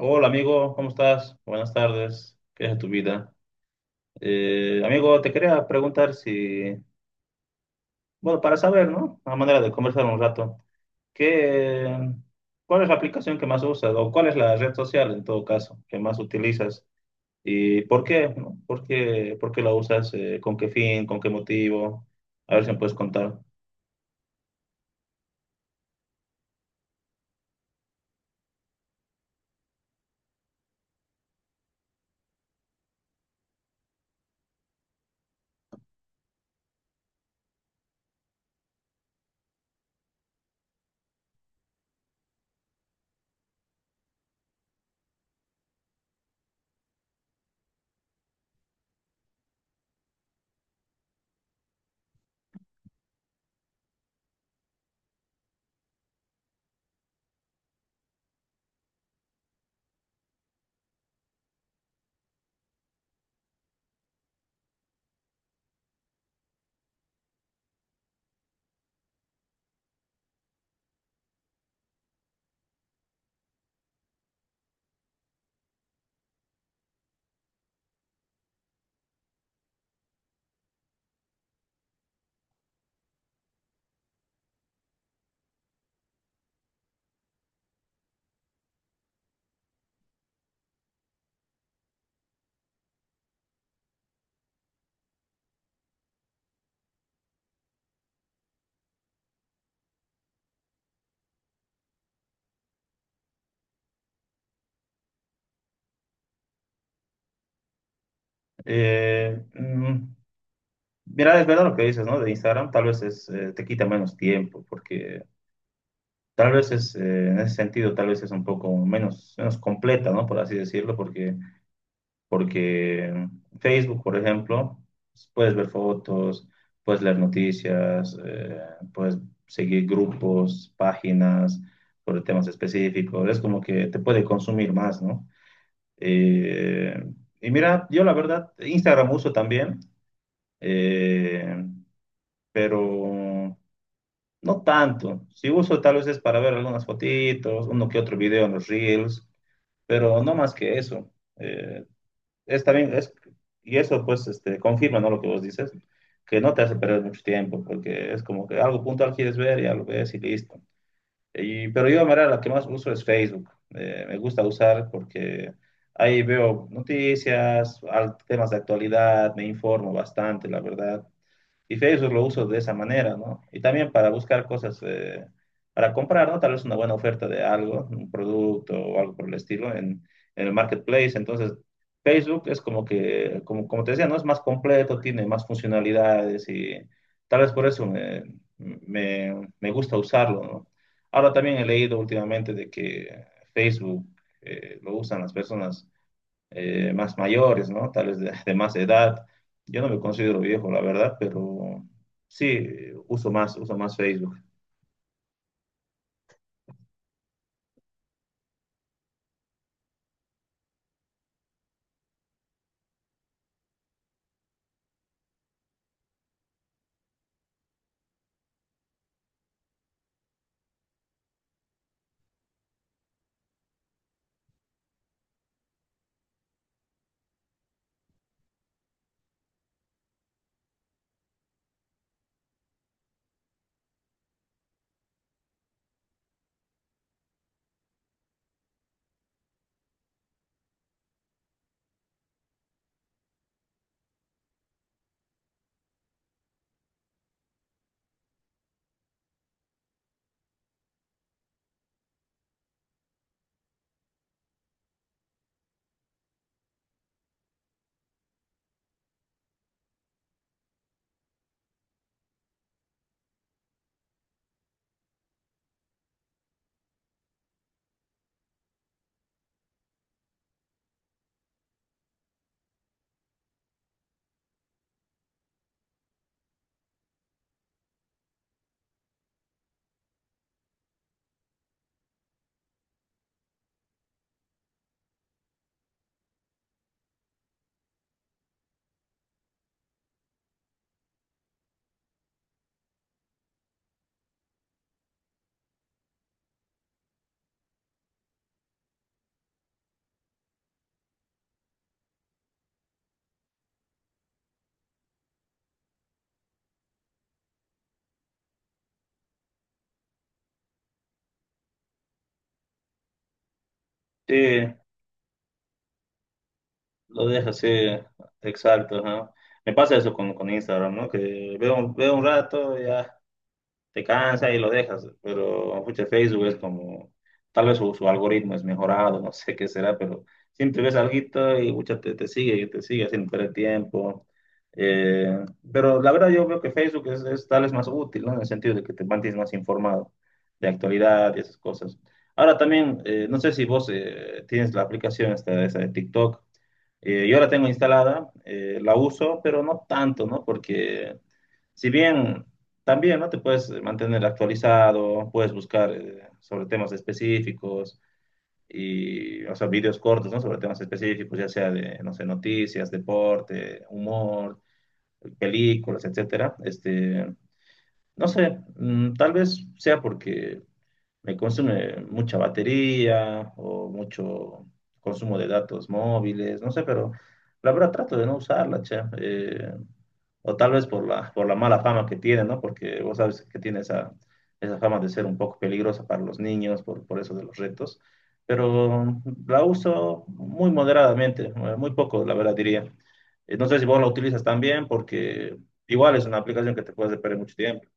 Hola amigo, ¿cómo estás? Buenas tardes, ¿qué es de tu vida? Amigo, te quería preguntar si, bueno, para saber, ¿no? A manera de conversar un rato, ¿qué, ¿cuál es la aplicación que más usas o cuál es la red social en todo caso que más utilizas y por qué, no? ¿Por qué la usas? ¿Con qué fin? ¿Con qué motivo? A ver si me puedes contar. Eh, mm, Mira, es verdad lo que dices, ¿no? De Instagram tal vez es, te quita menos tiempo porque tal vez es, en ese sentido, tal vez es un poco menos completa, ¿no? Por así decirlo, porque Facebook, por ejemplo, pues, puedes ver fotos, puedes leer noticias, puedes seguir grupos, páginas sobre temas específicos. Es como que te puede consumir más, ¿no? Eh, y mira, yo la verdad, Instagram uso también, eh, pero no tanto. Si uso tal vez es para ver algunas fotitos, uno que otro video en los Reels, pero no más que eso. Eh, es y eso pues este, confirma, ¿no? Lo que vos dices, que no te hace perder mucho tiempo, porque es como que algo puntual quieres ver, ya lo ves y listo. Pero yo, mira, la que más uso es Facebook. Me gusta usar porque ahí veo noticias, temas de actualidad, me informo bastante, la verdad. Y Facebook lo uso de esa manera, ¿no? Y también para buscar cosas, para comprar, ¿no? Tal vez una buena oferta de algo, un producto o algo por el estilo en el marketplace. Entonces, Facebook es como que, como te decía, ¿no? Es más completo, tiene más funcionalidades y tal vez por eso me gusta usarlo, ¿no? Ahora también he leído últimamente de que Facebook lo usan las personas más mayores, ¿no? Tal vez de más edad. Yo no me considero viejo, la verdad, pero sí, uso más Facebook. Sí, lo deja, sí, exacto, ajá. Me pasa eso con Instagram, ¿no? Que veo, veo un rato, ya te cansa y lo dejas, pero pucha, Facebook es como, tal vez su algoritmo es mejorado, no sé qué será, pero siempre ves alguito y pucha, te sigue y te sigue haciendo perder tiempo. Eh, pero la verdad yo veo que Facebook es tal vez más útil, ¿no? En el sentido de que te mantienes más informado de actualidad y esas cosas. Ahora también, no sé si vos tienes la aplicación esta, esa de TikTok. Yo la tengo instalada, la uso, pero no tanto, ¿no? Porque si bien también no te puedes mantener actualizado, puedes buscar sobre temas específicos y, o sea, videos cortos, ¿no? Sobre temas específicos, ya sea de, no sé, noticias, deporte, humor, películas, etcétera. Este, no sé, mm, tal vez sea porque me consume mucha batería o mucho consumo de datos móviles, no sé, pero la verdad trato de no usarla, che. O tal vez por la mala fama que tiene, ¿no? Porque vos sabes que tiene esa fama de ser un poco peligrosa para los niños, por eso de los retos, pero la uso muy moderadamente, muy poco, la verdad diría. No sé si vos la utilizas también, porque igual es una aplicación que te puedes perder mucho tiempo.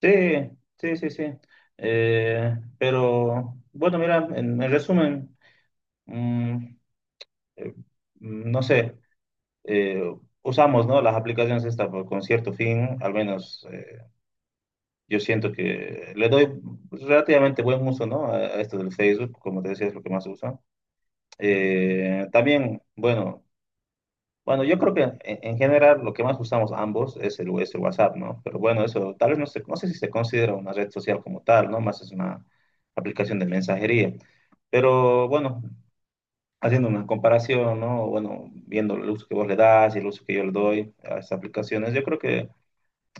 Sí, sí, sí, sí. Pero bueno, mira, en resumen, mm, eh, no sé, eh, usamos, ¿no? Las aplicaciones estas con cierto fin, al menos yo siento que le doy relativamente buen uso, ¿no? A esto del Facebook, como te decía, es lo que más uso. También, bueno, yo creo que en general lo que más usamos ambos es el WhatsApp, ¿no? Pero bueno, eso tal vez no sé si se considera una red social como tal, ¿no? Más es una aplicación de mensajería. Pero bueno, haciendo una comparación, ¿no? Bueno, viendo el uso que vos le das y el uso que yo le doy a estas aplicaciones, yo creo que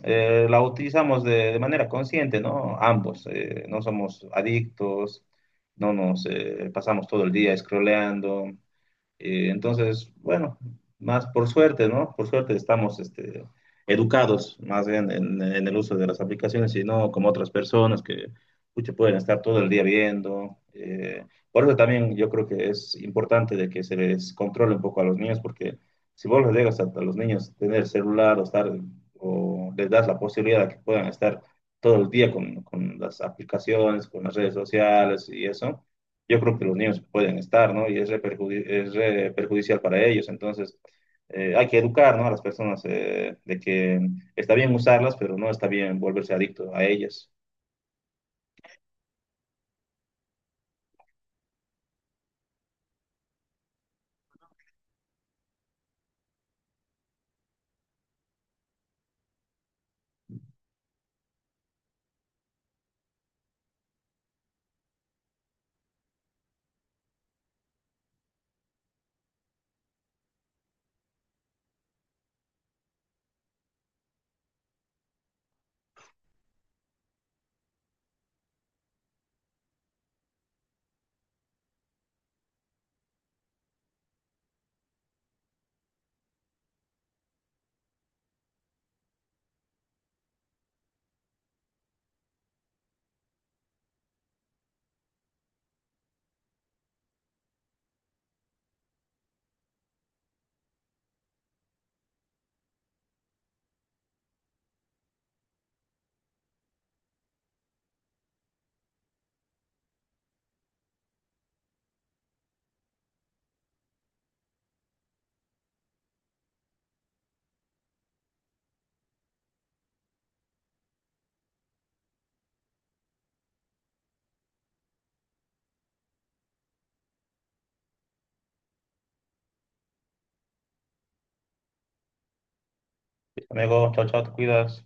la utilizamos de manera consciente, ¿no? Ambos, no somos adictos, no nos pasamos todo el día scrolleando. Entonces, bueno, más por suerte, ¿no? Por suerte estamos este, educados más bien en el uso de las aplicaciones y no como otras personas que pucha, pueden estar todo el día viendo. Eh, por eso también yo creo que es importante de que se les controle un poco a los niños porque si vos les dejas a los niños tener celular o estar o les das la posibilidad de que puedan estar todo el día con las aplicaciones, con las redes sociales y eso yo creo que los niños pueden estar, ¿no? Y es re perjudicial para ellos. Entonces, hay que educar, ¿no? A las personas de que está bien usarlas, pero no está bien volverse adicto a ellas. Amigo, chao, chao, te cuidas.